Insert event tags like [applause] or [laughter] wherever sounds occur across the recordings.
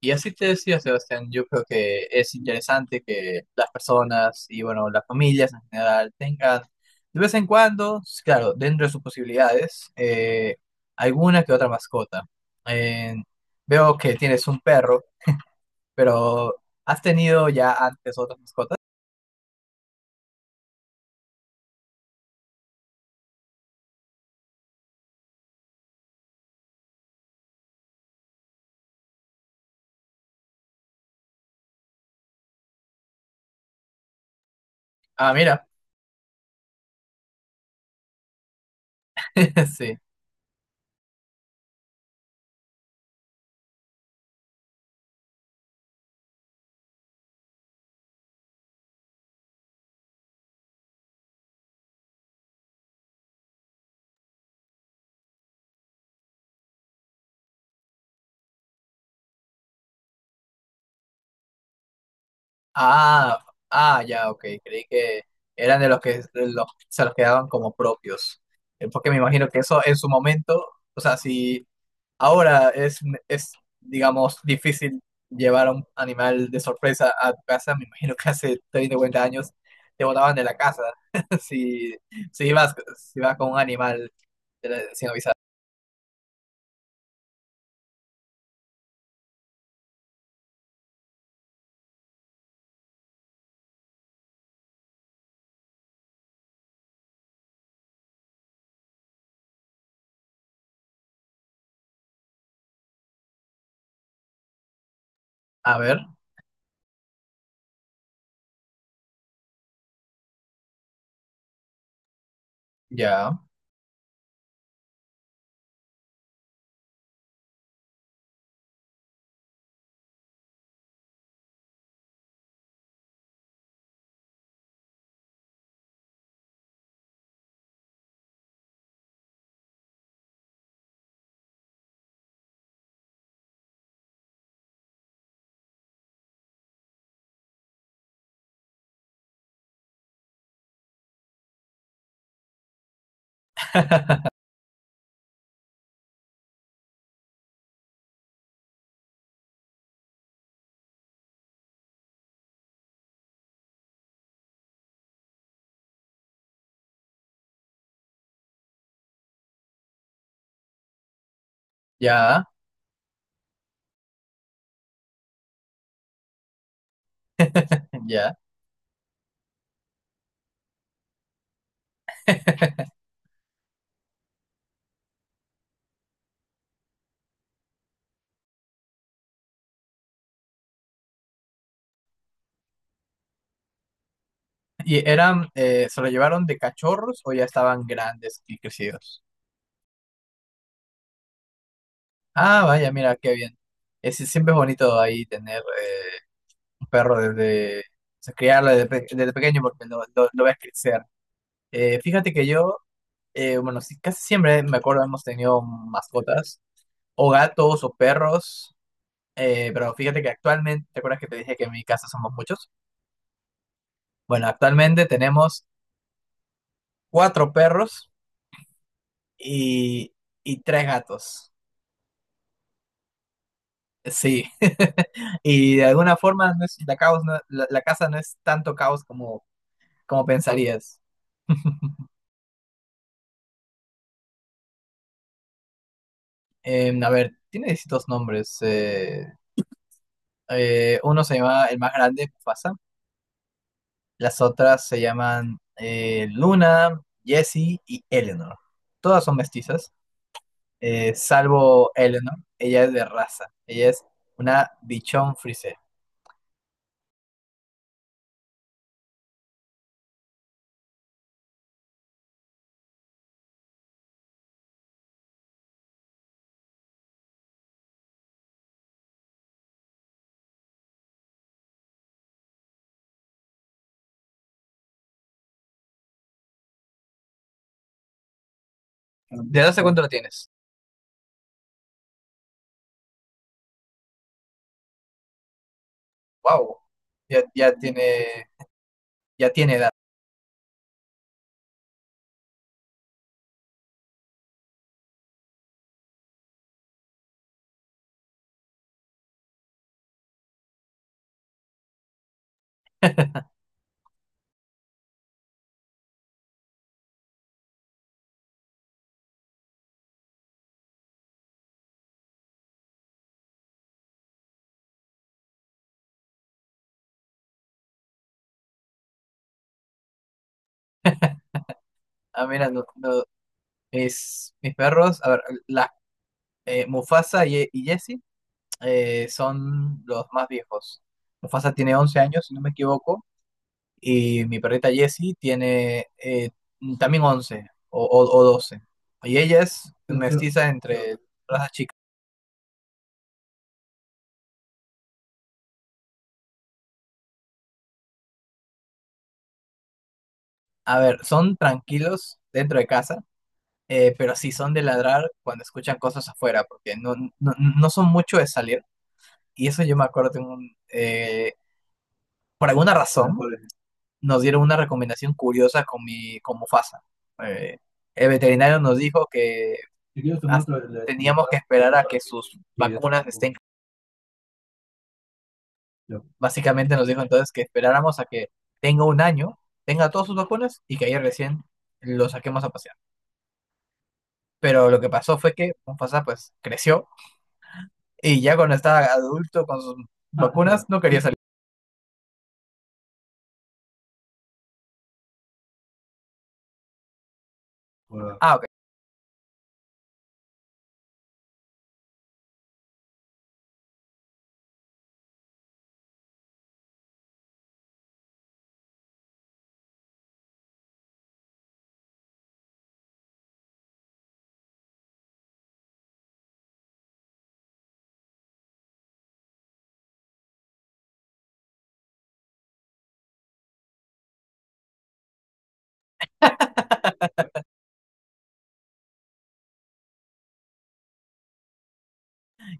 Y así te decía Sebastián, yo creo que es interesante que las personas y bueno, las familias en general tengan de vez en cuando, claro, dentro de sus posibilidades, alguna que otra mascota. Eh, veo que tienes un perro, pero ¿has tenido ya antes otras mascotas? Ah, mira, [laughs] sí. Ah, ah, ya, ok, creí que eran de los que de los, se los quedaban como propios. Porque me imagino que eso en su momento, o sea, si... ahora es, digamos, difícil llevar a un animal de sorpresa a tu casa. Me imagino que hace 30 o 40 años te botaban de la casa. [laughs] si, si ibas con un animal de sin avisar. A ver, ya, ya, ya. [laughs] ¿Y eran, se lo llevaron de cachorros o ya estaban grandes y crecidos? Ah, vaya, mira, qué bien. Siempre es bonito ahí tener perro desde, o sea, criarlo desde pequeño porque lo ves crecer. Fíjate que yo, bueno, sí, casi siempre me acuerdo hemos tenido mascotas, o gatos o perros, pero fíjate que actualmente, ¿te acuerdas que te dije que en mi casa somos muchos? Bueno, actualmente tenemos cuatro perros y, y tres gatos. Sí, [laughs] y de alguna forma la casa no es tanto caos como pensarías. [laughs] A ver, tiene distintos nombres. Uno se llama, el más grande, Mufasa. Las otras se llaman Luna, Jessie y Eleanor. Todas son mestizas, salvo Eleanor. Ella es de raza. Ella es una bichón frisé. ¿De edad hace cuánto lo tienes? Wow. Ya, ya tiene edad. Ah, mira, no, mis perros, a ver, la, Mufasa y Jessie son los más viejos. Mufasa tiene 11 años, si no me equivoco, y mi perrita Jessie tiene también 11 o 12. Y ella es mestiza entre todas las chicas. A ver, son tranquilos dentro de casa, pero sí son de ladrar cuando escuchan cosas afuera, porque no, no, no son mucho de salir. Y eso yo me acuerdo de por alguna razón, nos dieron una recomendación curiosa con Mufasa. Eh, el veterinario nos dijo que as- teníamos que esperar a que sus vacunas estén. Básicamente nos dijo entonces que esperáramos a que tenga un año, tenga todas sus vacunas y que ayer recién lo saquemos a pasear. Pero lo que pasó fue que Mufasa pues creció y ya cuando estaba adulto con sus vacunas no quería salir. Ah, ok.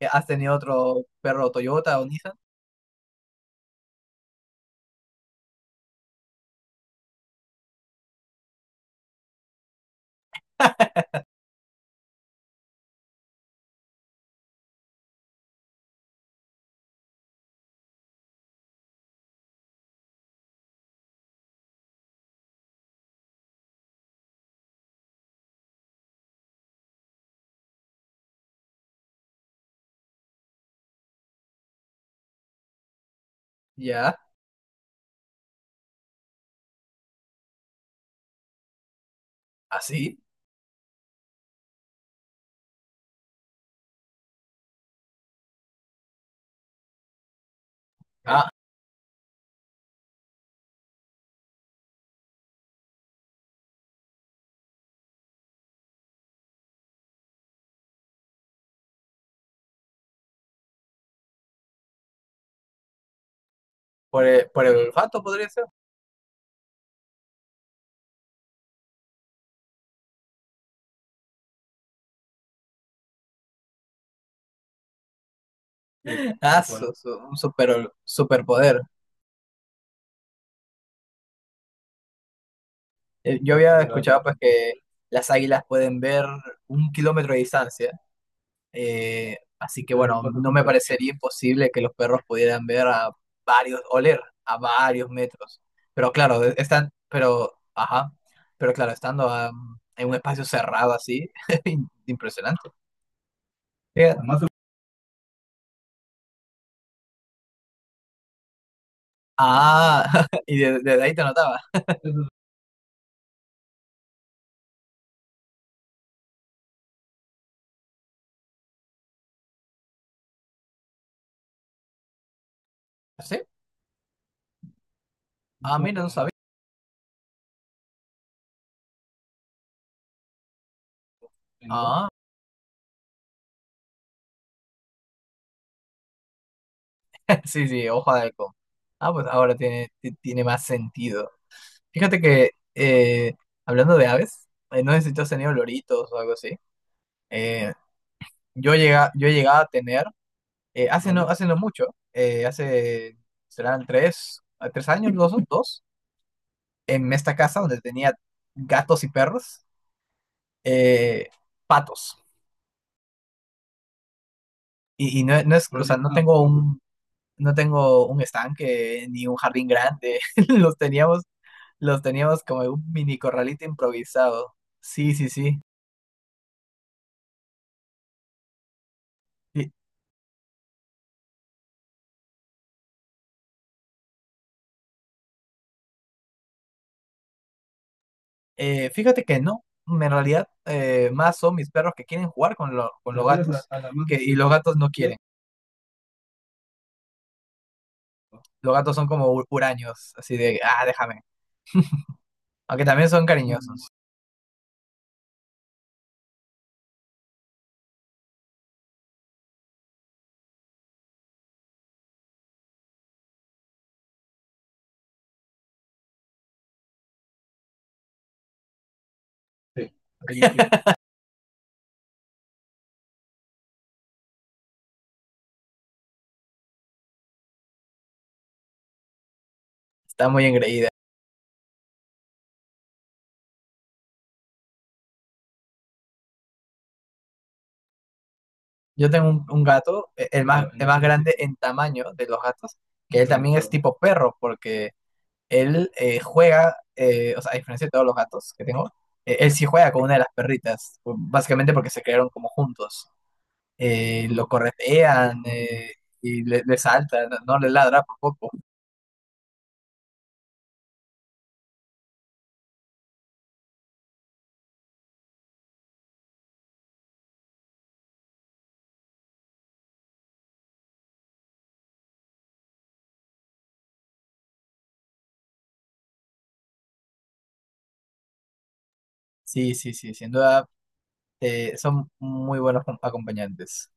¿Has tenido otro perro Toyota o Nissan? Ya, así. Ah, por el olfato podría ser. Y [laughs] ah, bueno, un superpoder. Yo había escuchado pues que las águilas pueden ver un kilómetro de distancia, así que bueno, no me parecería imposible que los perros pudieran ver a varios, oler a varios metros. Pero claro, ajá, pero claro, estando en un espacio cerrado así, [laughs] impresionante. Además. Ah, [laughs] y desde ahí te notaba. ¿Sí? Ah, no, mira, no sabía. entonces, Sí, sí, hoja de halcón. Ah, pues ahora tiene más sentido. Fíjate que, hablando de aves, no sé si tú has tenido loritos o algo así. Eh, yo llegaba a tener, hace no, vale. Hace no mucho, hace, serán tres, a 3 años, [laughs] dos, en esta casa donde tenía gatos y perros, eh, patos. Y no, o sea, no tengo un estanque ni un jardín grande. [laughs] Los teníamos Los teníamos como en un mini corralito improvisado. Sí, sí, sí. Fí- fíjate que no. En realidad, más son mis perros que quieren jugar con los gatos. Y los gatos no quieren. Los gatos son como huraños, así de, ah, déjame. Aunque también son cariñosos. Sí, está muy engreída. Yo tengo un gato, el más, ah, el no, más sí, sí, grande en tamaño de los gatos, que él también es tipo perro, porque él juega, o sea, a diferencia de todos los gatos que tengo, él sí juega con una de las perritas, básicamente porque se crearon como juntos. Lo corretean y le saltan, no le ladra por poco. Sí, sí, sí, sin duda son muy buenos acompañantes.